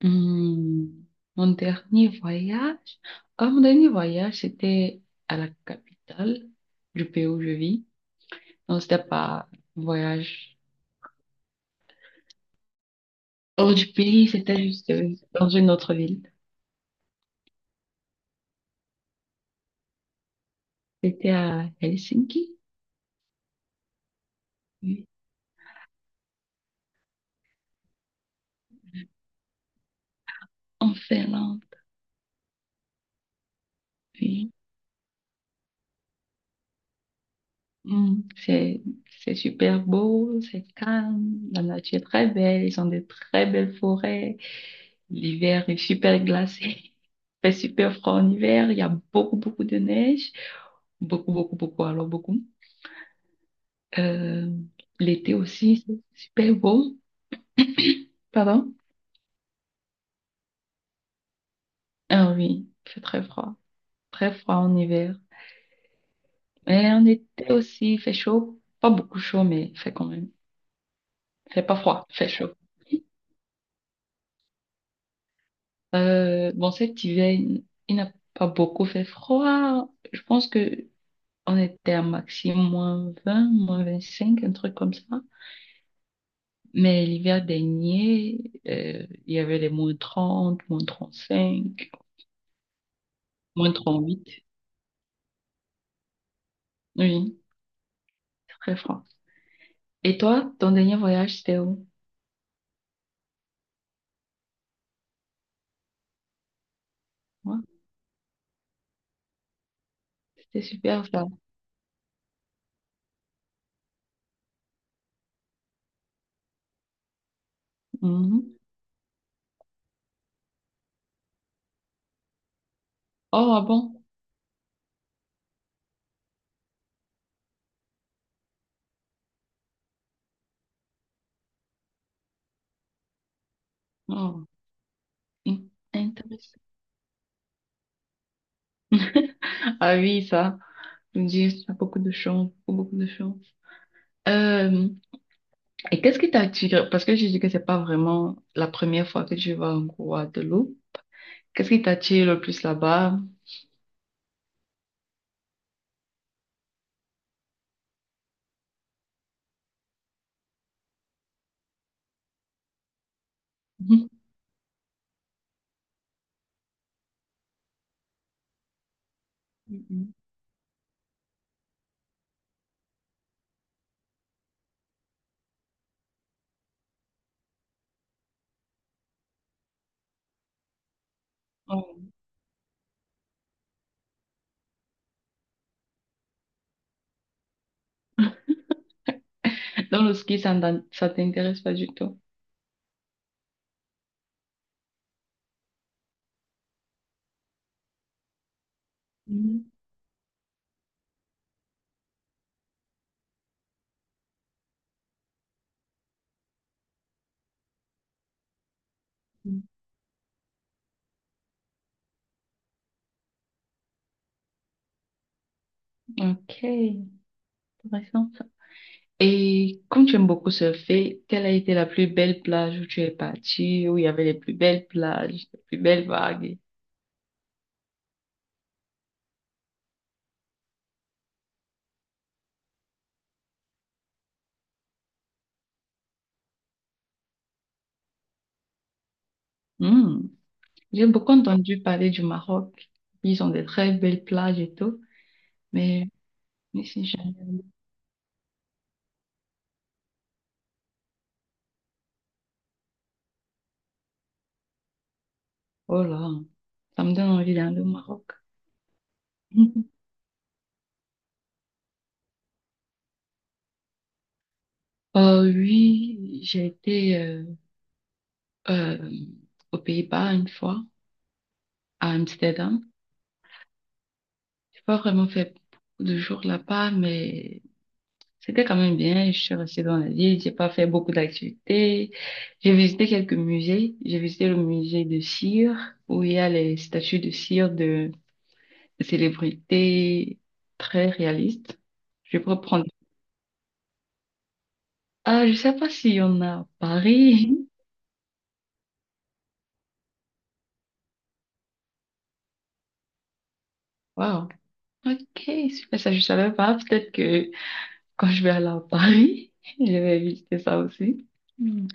Hmm, mon dernier voyage, Mon dernier voyage, c'était à la capitale du pays où je vis. Non, c'était pas un voyage hors du pays, c'était juste dans une autre ville. C'était à Helsinki, oui, en Finlande, oui. Hum, c'est, c'est super beau, c'est calme, la nature est très belle, ils ont de très belles forêts, l'hiver est super glacé, il fait super froid en hiver, il y a beaucoup, beaucoup de neige. Beaucoup, beaucoup, beaucoup, alors beaucoup. Euh, L'été aussi, c'est super beau. Pardon? Ah oui, il fait très froid en hiver. Mais en été aussi, il fait chaud, pas beaucoup chaud, mais il fait quand même, il fait pas froid, il fait chaud. Bon, cet hiver, il n'a pas beaucoup fait froid. Je pense que on était à maximum -20 -25 un truc comme ça. Mais l'hiver dernier, il y avait les -30 -35 -38. Oui, très franc. Et toi, ton dernier voyage, c'était où? Ouais, c'était super ça. Mhm. Oh, ah bon? Oh, in- intéressant. Ah oui, ça. Je me dis, ça a beaucoup de chance, beaucoup, beaucoup de chance. Euh, et qu'est-ce qui t'a attiré? Parce que je dis que c'est pas vraiment la première fois que tu vas en Guadeloupe. Qu'est-ce qui t'attire le plus là-bas? Mhm. Mhm. Oh. Dans le ski, ça t'intéresse pas du tout. Mhm. Ok, intéressant. Et comme tu aimes beaucoup surfer, quelle a été la plus belle plage où tu es parti, où il y avait les plus belles plages, les plus belles vagues? Hmm. J'ai beaucoup entendu parler du Maroc. Ils ont des très belles plages et tout, mais ici jamais. Oh là, ça me donne envie d'aller au Maroc. Oui, j'ai été euh, aux Pays-Bas une fois, à Amsterdam. J'ai pas vraiment fait beaucoup de jours là-bas, mais c'était quand même bien. Je suis restée dans la ville. J'ai pas fait beaucoup d'activités. J'ai visité quelques musées. J'ai visité le musée de cire où il y a les statues de cire de célébrités très réalistes. Je pourrais prendre. Ah, je sais pas s'il y en a à Paris. Wow. Ok, super. Ça, je savais pas. Peut-être que quand je vais aller à Paris, je vais visiter ça aussi. Hmm.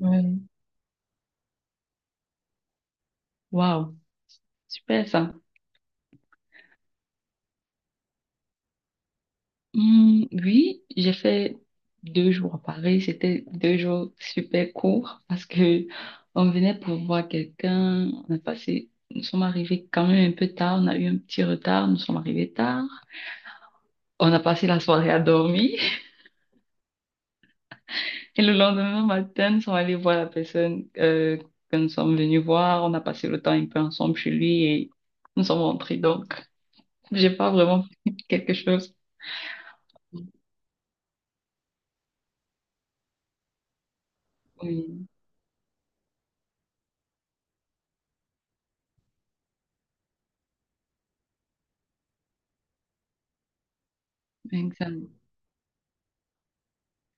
Ouais. Wow. Super ça. Oui, j'ai fait 2 jours à Paris. C'était 2 jours super courts parce que on venait pour voir quelqu'un. Nous sommes arrivés quand même un peu tard. On a eu un petit retard. Nous sommes arrivés tard. On a passé la soirée à dormir et le lendemain matin, nous sommes allés voir la personne que nous sommes venus voir. On a passé le temps un peu ensemble chez lui et nous sommes rentrés. Donc, j'ai pas vraiment quelque chose. Oui,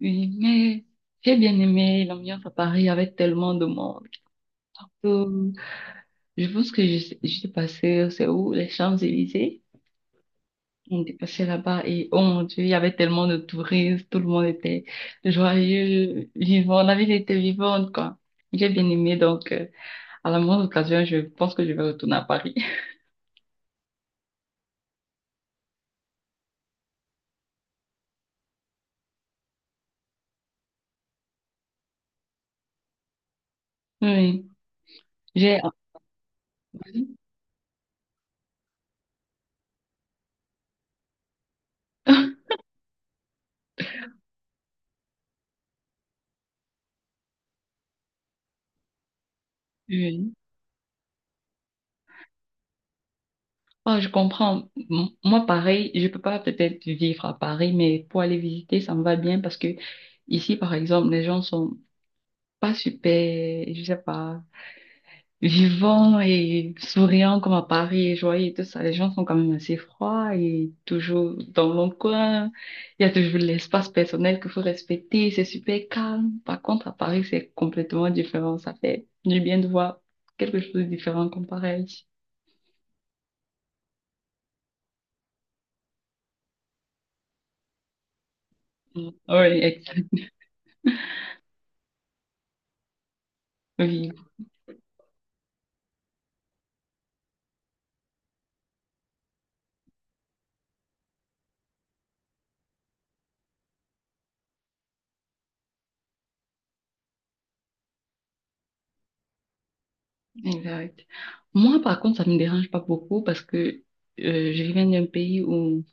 oui, mais j'ai bien aimé l'ambiance à Paris avec tellement de monde. Euh, je pense que j'étais passée, c'est où? Les Champs-Élysées. On était passé là-bas et oh mon Dieu, il y avait tellement de touristes, tout le monde était joyeux, vivant, la ville était vivante, quoi. J'ai bien aimé, donc à la moindre occasion, je pense que je vais retourner à Paris. Oui, j'ai... Oui. Oh, je comprends. Moi, pareil, je peux pas peut-être vivre à Paris, mais pour aller visiter, ça me va bien parce que ici, par exemple, les gens sont pas super, je sais pas, vivants et souriants comme à Paris et joyeux et tout ça. Les gens sont quand même assez froids et toujours dans leur coin. Il y a toujours l'espace personnel qu'il faut respecter. C'est super calme. Par contre, à Paris, c'est complètement différent. Ça fait du bien de voir quelque chose de différent comparé à ici. Mm. Oui, oui. Exact. Moi, par contre, ça me dérange pas beaucoup parce que je viens d'un pays où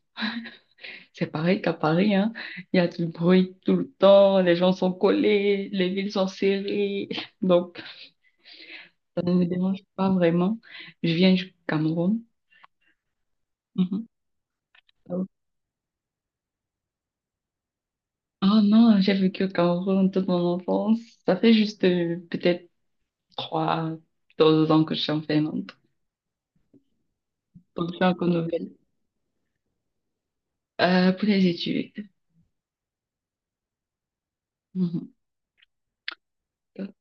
c'est pareil qu'à Paris, hein. Il y a du bruit tout le temps, les gens sont collés, les villes sont serrées. Donc, ça ne me dérange pas vraiment. Je viens du Cameroun. Mhm. Ah non, j'ai vécu au Cameroun toute mon enfance. Ça fait juste peut-être trois, 2 ans que je suis en Finlande. Donc, je suis encore nouvelle. Pour les études. Mhm. Donc,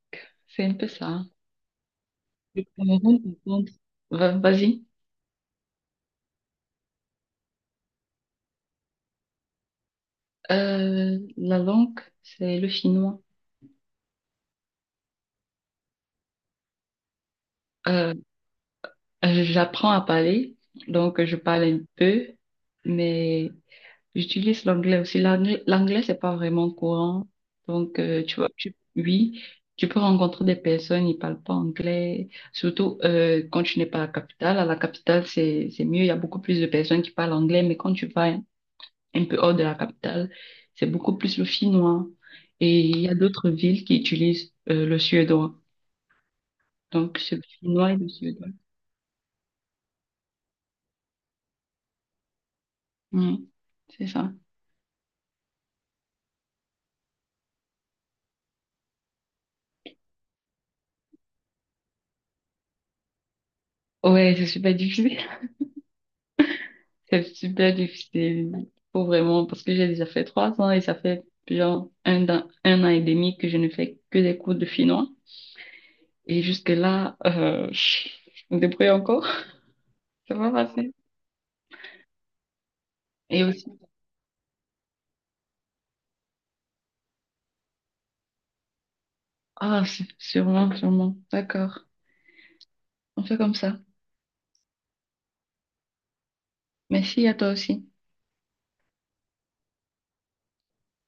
c'est un peu ça. Le Cameroun, par contre, vas-y. La langue, c'est le chinois. Euh, J'apprends à parler, donc je parle un peu, mais j'utilise l'anglais aussi. L'anglais, c'est pas vraiment courant. Donc, tu vois, oui, tu peux rencontrer des personnes, ils parlent pas anglais, surtout quand tu n'es pas à la capitale. À la capitale, c'est mieux, il y a beaucoup plus de personnes qui parlent anglais, mais quand tu vas un peu hors de la capitale, c'est beaucoup plus le finnois. Et il y a d'autres villes qui utilisent le suédois. Donc, c'est le finnois et le suédois. Mm. C'est ça. Ouais, c'est super difficile. C'est super difficile. Faut vraiment, parce que j'ai déjà fait 3 ans et ça fait genre 1 an et demi que je ne fais que des cours de finnois. Et jusque-là, je débrouille encore. Ça va passer. Et aussi, ah, sûrement, sûrement. D'accord. On fait comme ça. Merci à toi aussi.